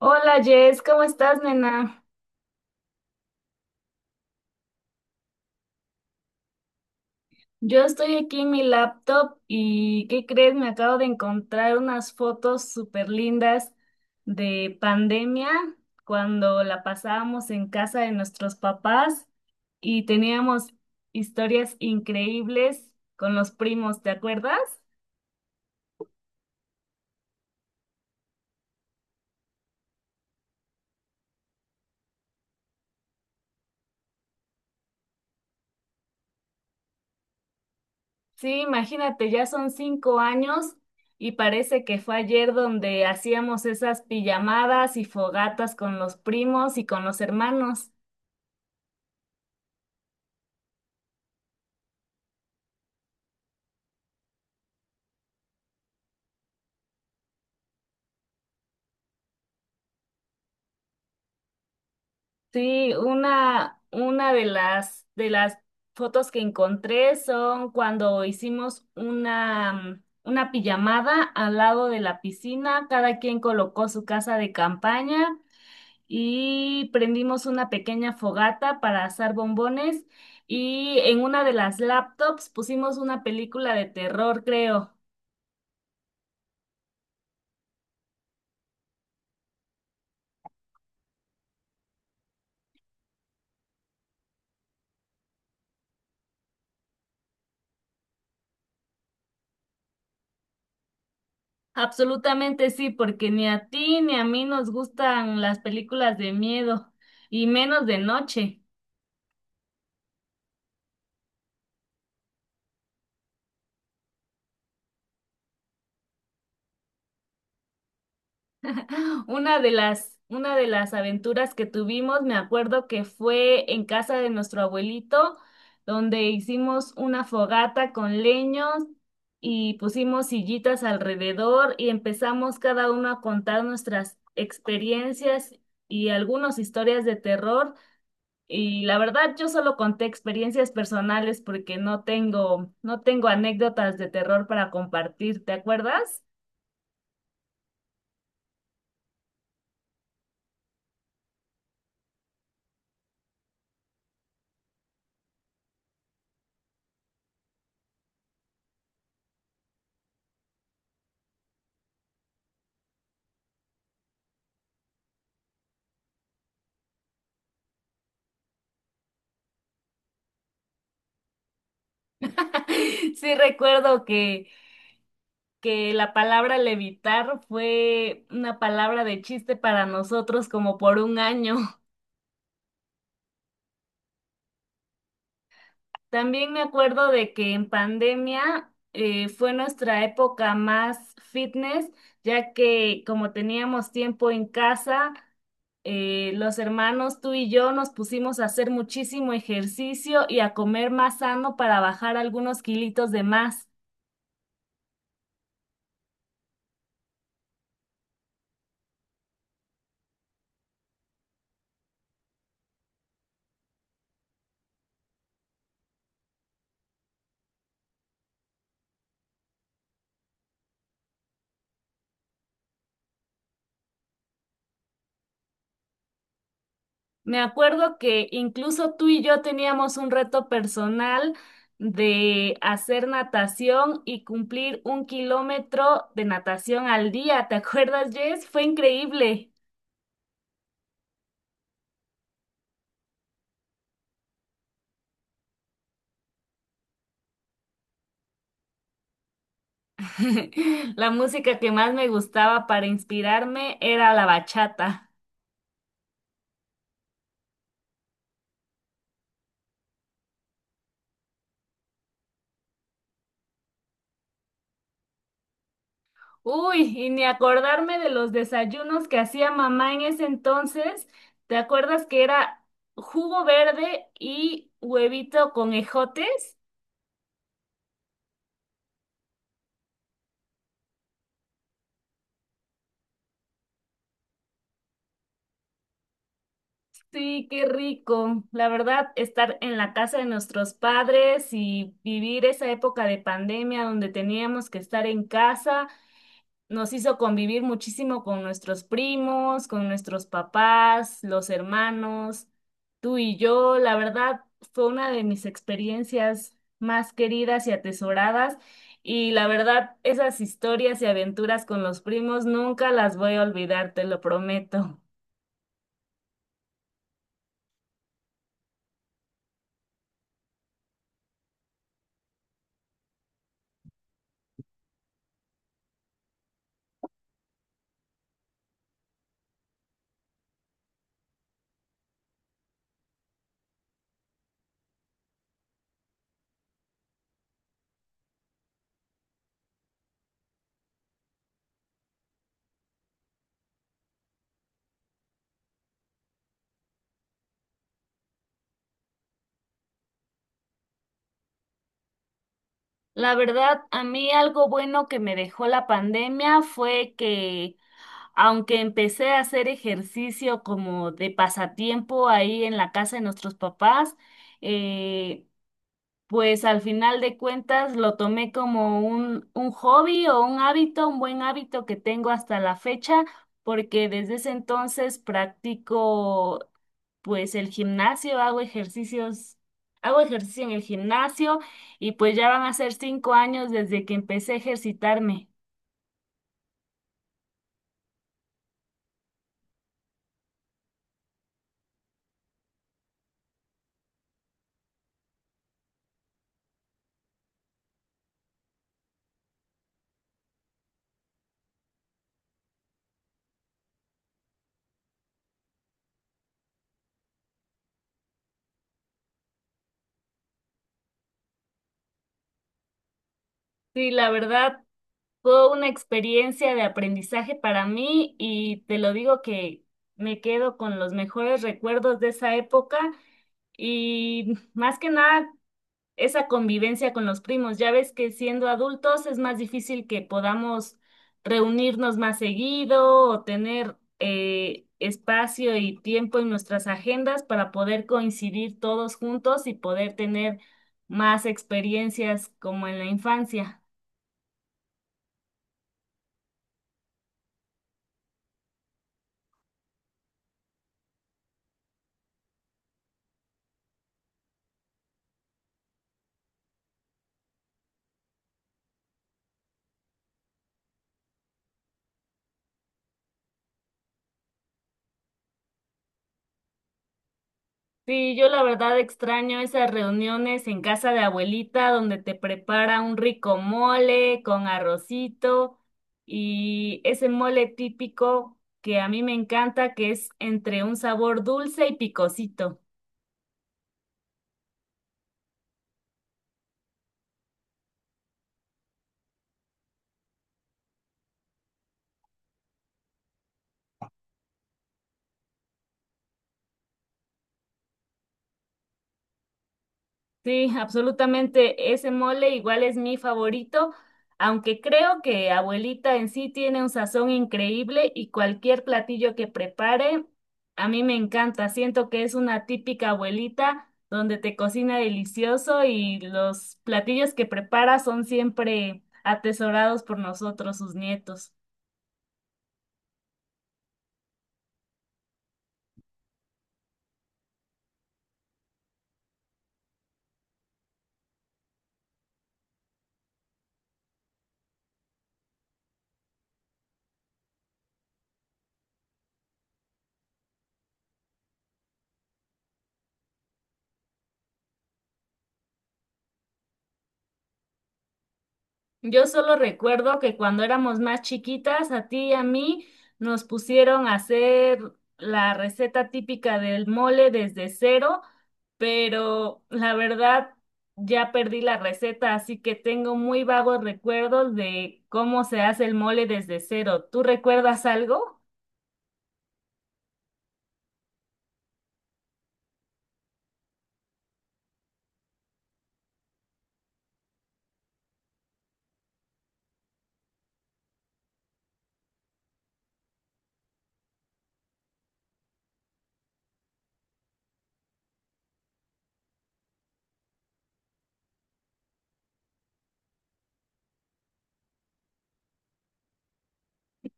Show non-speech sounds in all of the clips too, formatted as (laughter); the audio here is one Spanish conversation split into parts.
Hola Jess, ¿cómo estás, nena? Yo estoy aquí en mi laptop y, ¿qué crees? Me acabo de encontrar unas fotos súper lindas de pandemia cuando la pasábamos en casa de nuestros papás y teníamos historias increíbles con los primos, ¿te acuerdas? Sí, imagínate, ya son 5 años y parece que fue ayer donde hacíamos esas pijamadas y fogatas con los primos y con los hermanos. Sí, una de las fotos que encontré son cuando hicimos una, una pijamada al lado de la piscina, cada quien colocó su casa de campaña y prendimos una pequeña fogata para asar bombones y en una de las laptops pusimos una película de terror, creo. Absolutamente sí, porque ni a ti ni a mí nos gustan las películas de miedo y menos de noche. (laughs) Una de las aventuras que tuvimos, me acuerdo que fue en casa de nuestro abuelito, donde hicimos una fogata con leños y pusimos sillitas alrededor y empezamos cada uno a contar nuestras experiencias y algunas historias de terror. Y la verdad, yo solo conté experiencias personales porque no tengo anécdotas de terror para compartir, ¿te acuerdas? (laughs) Sí, recuerdo que la palabra levitar fue una palabra de chiste para nosotros como por un año. (laughs) También me acuerdo de que en pandemia fue nuestra época más fitness, ya que como teníamos tiempo en casa, los hermanos, tú y yo, nos pusimos a hacer muchísimo ejercicio y a comer más sano para bajar algunos kilitos de más. Me acuerdo que incluso tú y yo teníamos un reto personal de hacer natación y cumplir 1 kilómetro de natación al día. ¿Te acuerdas, Jess? Fue increíble. (laughs) La música que más me gustaba para inspirarme era la bachata. Uy, y ni acordarme de los desayunos que hacía mamá en ese entonces. ¿Te acuerdas que era jugo verde y huevito con ejotes? Sí, qué rico. La verdad, estar en la casa de nuestros padres y vivir esa época de pandemia donde teníamos que estar en casa, nos hizo convivir muchísimo con nuestros primos, con nuestros papás, los hermanos, tú y yo. La verdad, fue una de mis experiencias más queridas y atesoradas. Y la verdad, esas historias y aventuras con los primos nunca las voy a olvidar, te lo prometo. La verdad, a mí algo bueno que me dejó la pandemia fue que aunque empecé a hacer ejercicio como de pasatiempo ahí en la casa de nuestros papás, eh, pues al final de cuentas lo tomé como un hobby o un hábito, un buen hábito que tengo hasta la fecha, porque desde ese entonces practico pues el gimnasio, hago ejercicios, hago ejercicio en el gimnasio y pues ya van a ser 5 años desde que empecé a ejercitarme. Sí, la verdad fue una experiencia de aprendizaje para mí y te lo digo que me quedo con los mejores recuerdos de esa época y más que nada esa convivencia con los primos. Ya ves que siendo adultos es más difícil que podamos reunirnos más seguido o tener espacio y tiempo en nuestras agendas para poder coincidir todos juntos y poder tener más experiencias como en la infancia. Sí, yo la verdad extraño esas reuniones en casa de abuelita donde te prepara un rico mole con arrocito y ese mole típico que a mí me encanta que es entre un sabor dulce y picosito. Sí, absolutamente. Ese mole igual es mi favorito, aunque creo que abuelita en sí tiene un sazón increíble y cualquier platillo que prepare, a mí me encanta. Siento que es una típica abuelita donde te cocina delicioso y los platillos que prepara son siempre atesorados por nosotros, sus nietos. Yo solo recuerdo que cuando éramos más chiquitas, a ti y a mí nos pusieron a hacer la receta típica del mole desde cero, pero la verdad ya perdí la receta, así que tengo muy vagos recuerdos de cómo se hace el mole desde cero. ¿Tú recuerdas algo?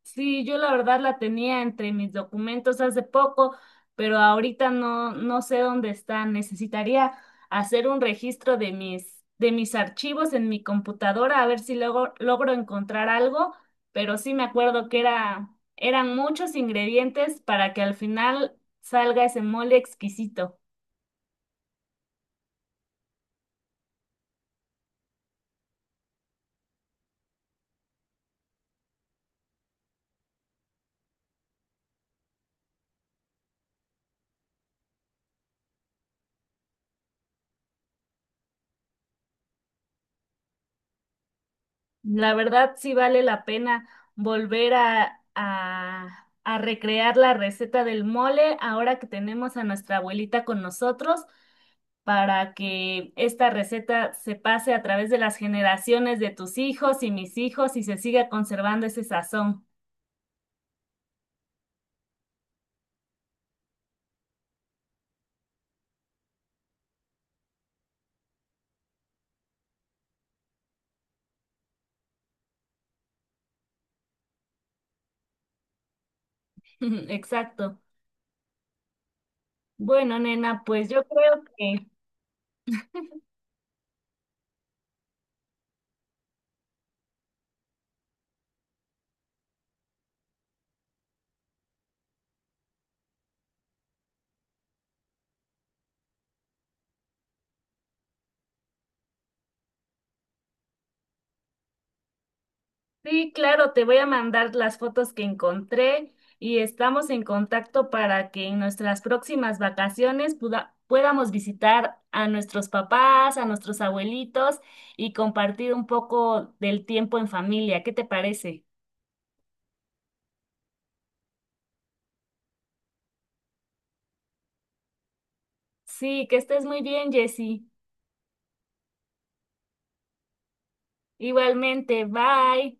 Sí, yo la verdad la tenía entre mis documentos hace poco, pero ahorita no, no sé dónde está. Necesitaría hacer un registro de mis archivos en mi computadora a ver si luego logro encontrar algo, pero sí me acuerdo que era, eran muchos ingredientes para que al final salga ese mole exquisito. La verdad sí vale la pena volver a recrear la receta del mole ahora que tenemos a nuestra abuelita con nosotros para que esta receta se pase a través de las generaciones de tus hijos y mis hijos y se siga conservando ese sazón. (laughs) Exacto. Bueno, nena, pues yo creo que sí, claro, te voy a mandar las fotos que encontré y estamos en contacto para que en nuestras próximas vacaciones puda- podamos visitar a nuestros papás, a nuestros abuelitos y compartir un poco del tiempo en familia. ¿Qué te parece? Sí, que estés muy bien, Jessie. Igualmente, bye.